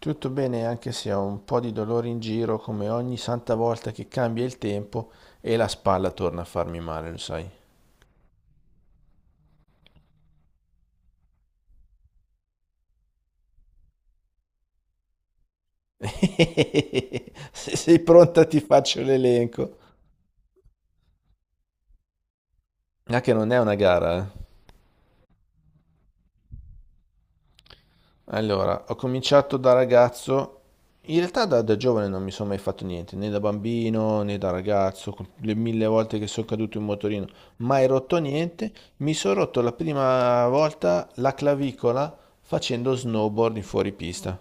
Tutto bene anche se ho un po' di dolore in giro come ogni santa volta che cambia il tempo e la spalla torna a farmi male, lo sai. Se sei pronta ti faccio l'elenco. Ah, che non è una gara, eh. Allora, ho cominciato da ragazzo. In realtà da giovane non mi sono mai fatto niente, né da bambino né da ragazzo, con le mille volte che sono caduto in motorino, mai rotto niente. Mi sono rotto la prima volta la clavicola facendo snowboard in fuoripista.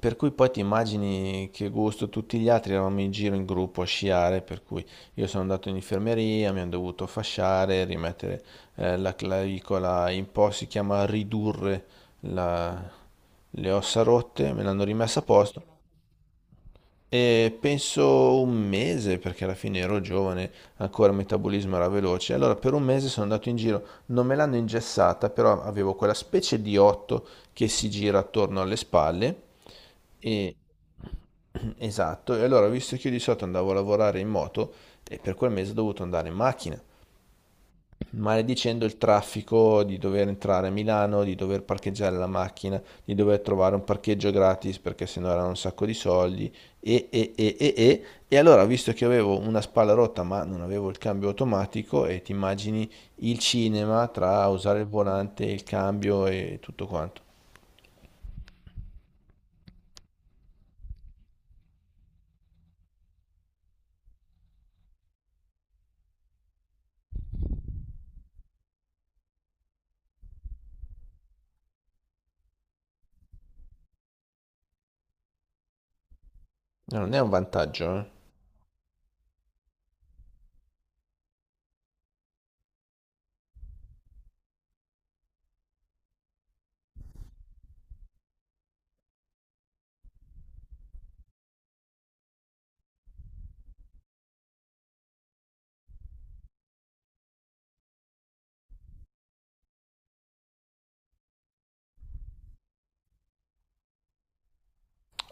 Per cui poi ti immagini che gusto, tutti gli altri eravamo in giro in gruppo a sciare, per cui io sono andato in infermeria, mi hanno dovuto fasciare, rimettere la clavicola in posto, si chiama ridurre la- le ossa rotte, me l'hanno rimessa a posto. E penso un mese, perché alla fine ero giovane, ancora il metabolismo era veloce. Allora per un mese sono andato in giro, non me l'hanno ingessata, però avevo quella specie di otto che si gira attorno alle spalle. E... Esatto, e allora visto che io di solito andavo a lavorare in moto, e per quel mese ho dovuto andare in macchina maledicendo il traffico di dover entrare a Milano, di dover parcheggiare la macchina, di dover trovare un parcheggio gratis perché sennò erano un sacco di soldi e allora visto che avevo una spalla rotta ma non avevo il cambio automatico e ti immagini il cinema tra usare il volante, il cambio e tutto quanto. No, non è un vantaggio, eh.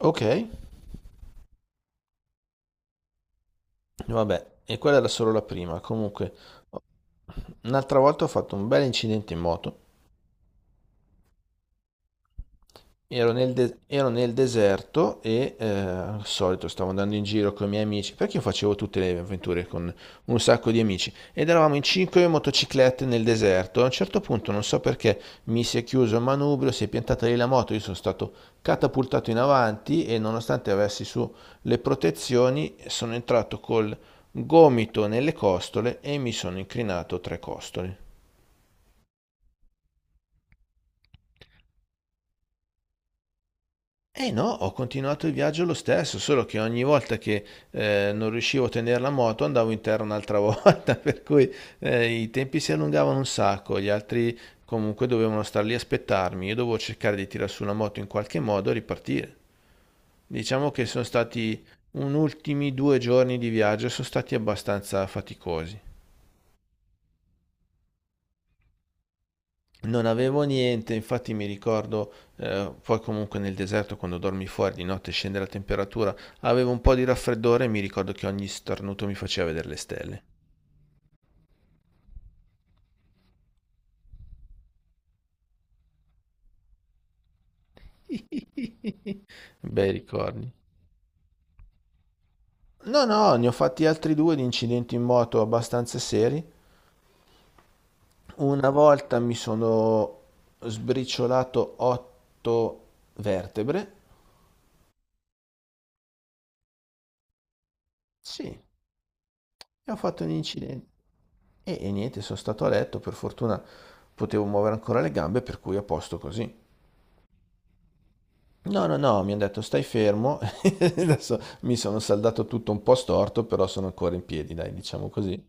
Ok, vabbè, e quella era solo la prima. Comunque, un'altra volta ho fatto un bel incidente in moto. Ero nel deserto al solito stavo andando in giro con i miei amici, perché io facevo tutte le avventure con un sacco di amici ed eravamo in cinque motociclette nel deserto. A un certo punto, non so perché, mi si è chiuso il manubrio, si è piantata lì la moto, io sono stato catapultato in avanti e nonostante avessi su le protezioni, sono entrato col gomito nelle costole e mi sono incrinato tre costole. E no, ho continuato il viaggio lo stesso, solo che ogni volta che non riuscivo a tenere la moto andavo in terra un'altra volta, per cui i tempi si allungavano un sacco, gli altri comunque dovevano star lì a aspettarmi, io dovevo cercare di tirar su la moto in qualche modo e ripartire. Diciamo che sono stati un ultimi 2 giorni di viaggio, sono stati abbastanza faticosi. Non avevo niente, infatti mi ricordo, poi comunque nel deserto quando dormi fuori di notte scende la temperatura, avevo un po' di raffreddore e mi ricordo che ogni starnuto mi faceva vedere le stelle. Bei ricordi. No, no, ne ho fatti altri due di incidenti in moto abbastanza seri. Una volta mi sono sbriciolato otto vertebre. Sì. E ho fatto un incidente. E niente, sono stato a letto, per fortuna potevo muovere ancora le gambe, per cui a posto così. No, no, no, mi hanno detto stai fermo, adesso mi sono saldato tutto un po' storto, però sono ancora in piedi, dai, diciamo così.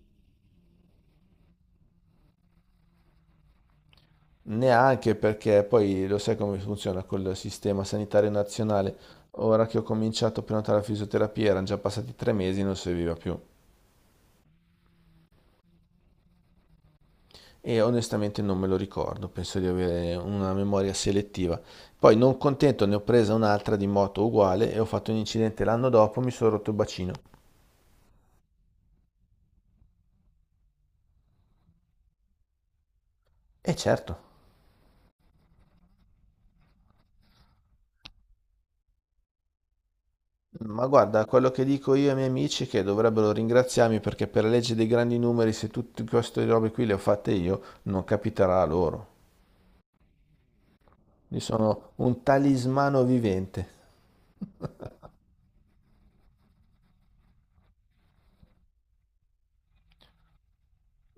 Neanche perché poi lo sai come funziona col sistema sanitario nazionale. Ora che ho cominciato a prenotare la fisioterapia, erano già passati 3 mesi, e non serviva più. E onestamente non me lo ricordo, penso di avere una memoria selettiva. Poi, non contento, ne ho presa un'altra di moto uguale e ho fatto un incidente l'anno dopo, mi sono rotto il bacino. E certo, ma guarda, quello che dico io ai miei amici è che dovrebbero ringraziarmi perché per la legge dei grandi numeri, se tutte queste robe qui le ho fatte io, non capiterà a loro. Io sono un talismano vivente.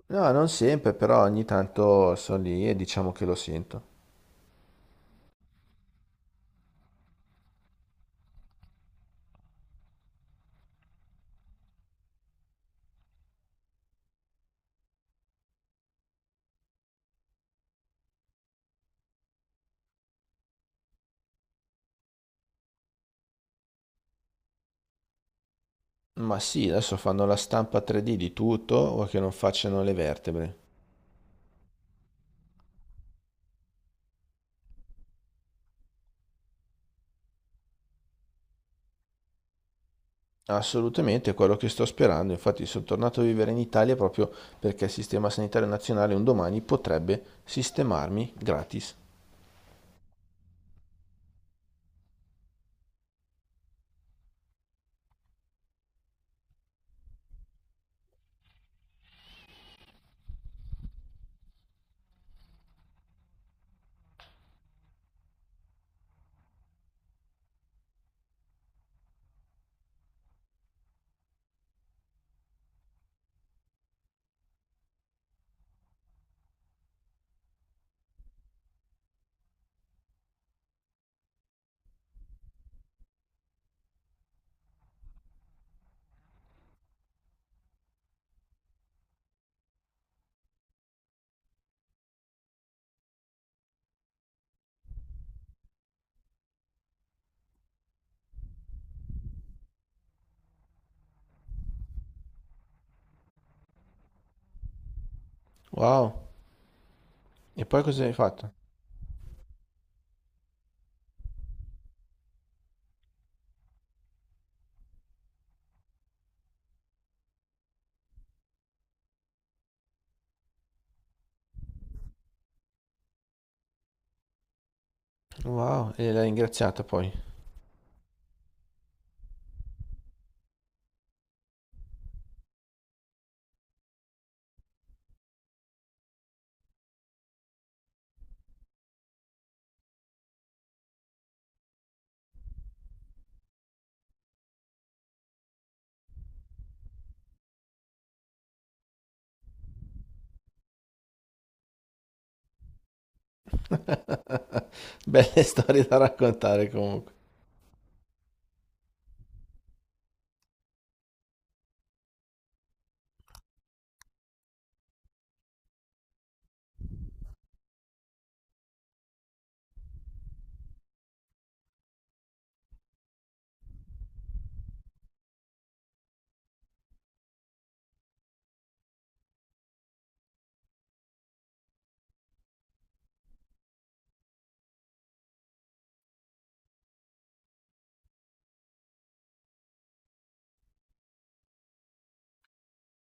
No, non sempre, però ogni tanto sono lì e diciamo che lo sento. Ma sì, adesso fanno la stampa 3D di tutto, o che non facciano le vertebre. Assolutamente, è quello che sto sperando. Infatti sono tornato a vivere in Italia proprio perché il Sistema Sanitario Nazionale un domani potrebbe sistemarmi gratis. Wow. E poi cosa hai fatto? Wow, e l'hai ringraziata poi. Belle storie da raccontare comunque.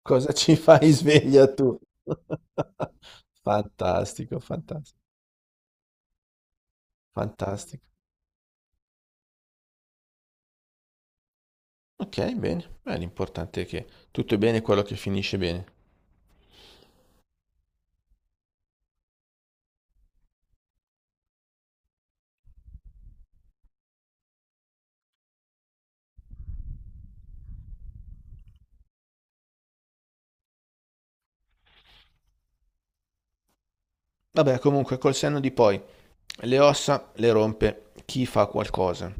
Cosa ci fai sveglia tu? Fantastico, fantastico, fantastico. Ok, bene. Beh, l'importante è che tutto è bene quello che finisce bene. Vabbè, comunque, col senno di poi, le ossa le rompe chi fa qualcosa,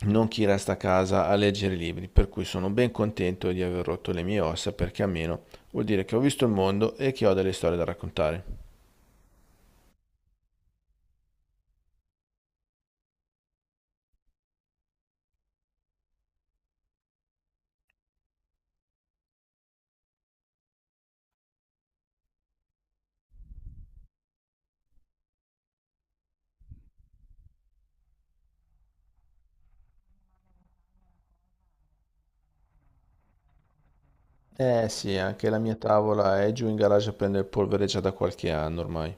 non chi resta a casa a leggere i libri, per cui sono ben contento di aver rotto le mie ossa, perché almeno vuol dire che ho visto il mondo e che ho delle storie da raccontare. Eh sì, anche la mia tavola è giù in garage a prendere polvere già da qualche anno ormai.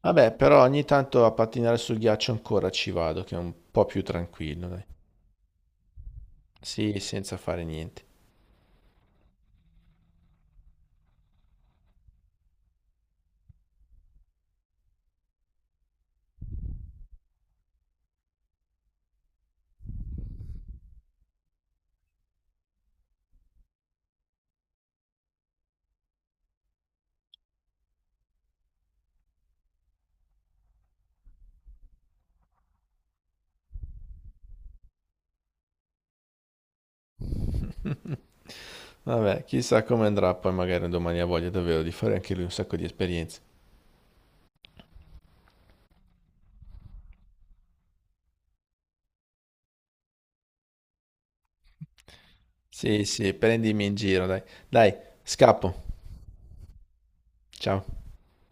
Vabbè, però ogni tanto a pattinare sul ghiaccio ancora ci vado, che è un po' più tranquillo, dai. Sì, senza fare niente. Vabbè, chissà come andrà, poi magari domani ha voglia davvero di fare anche lui un sacco di esperienze. Sì, sì, prendimi in giro, dai. Dai, scappo. Ciao.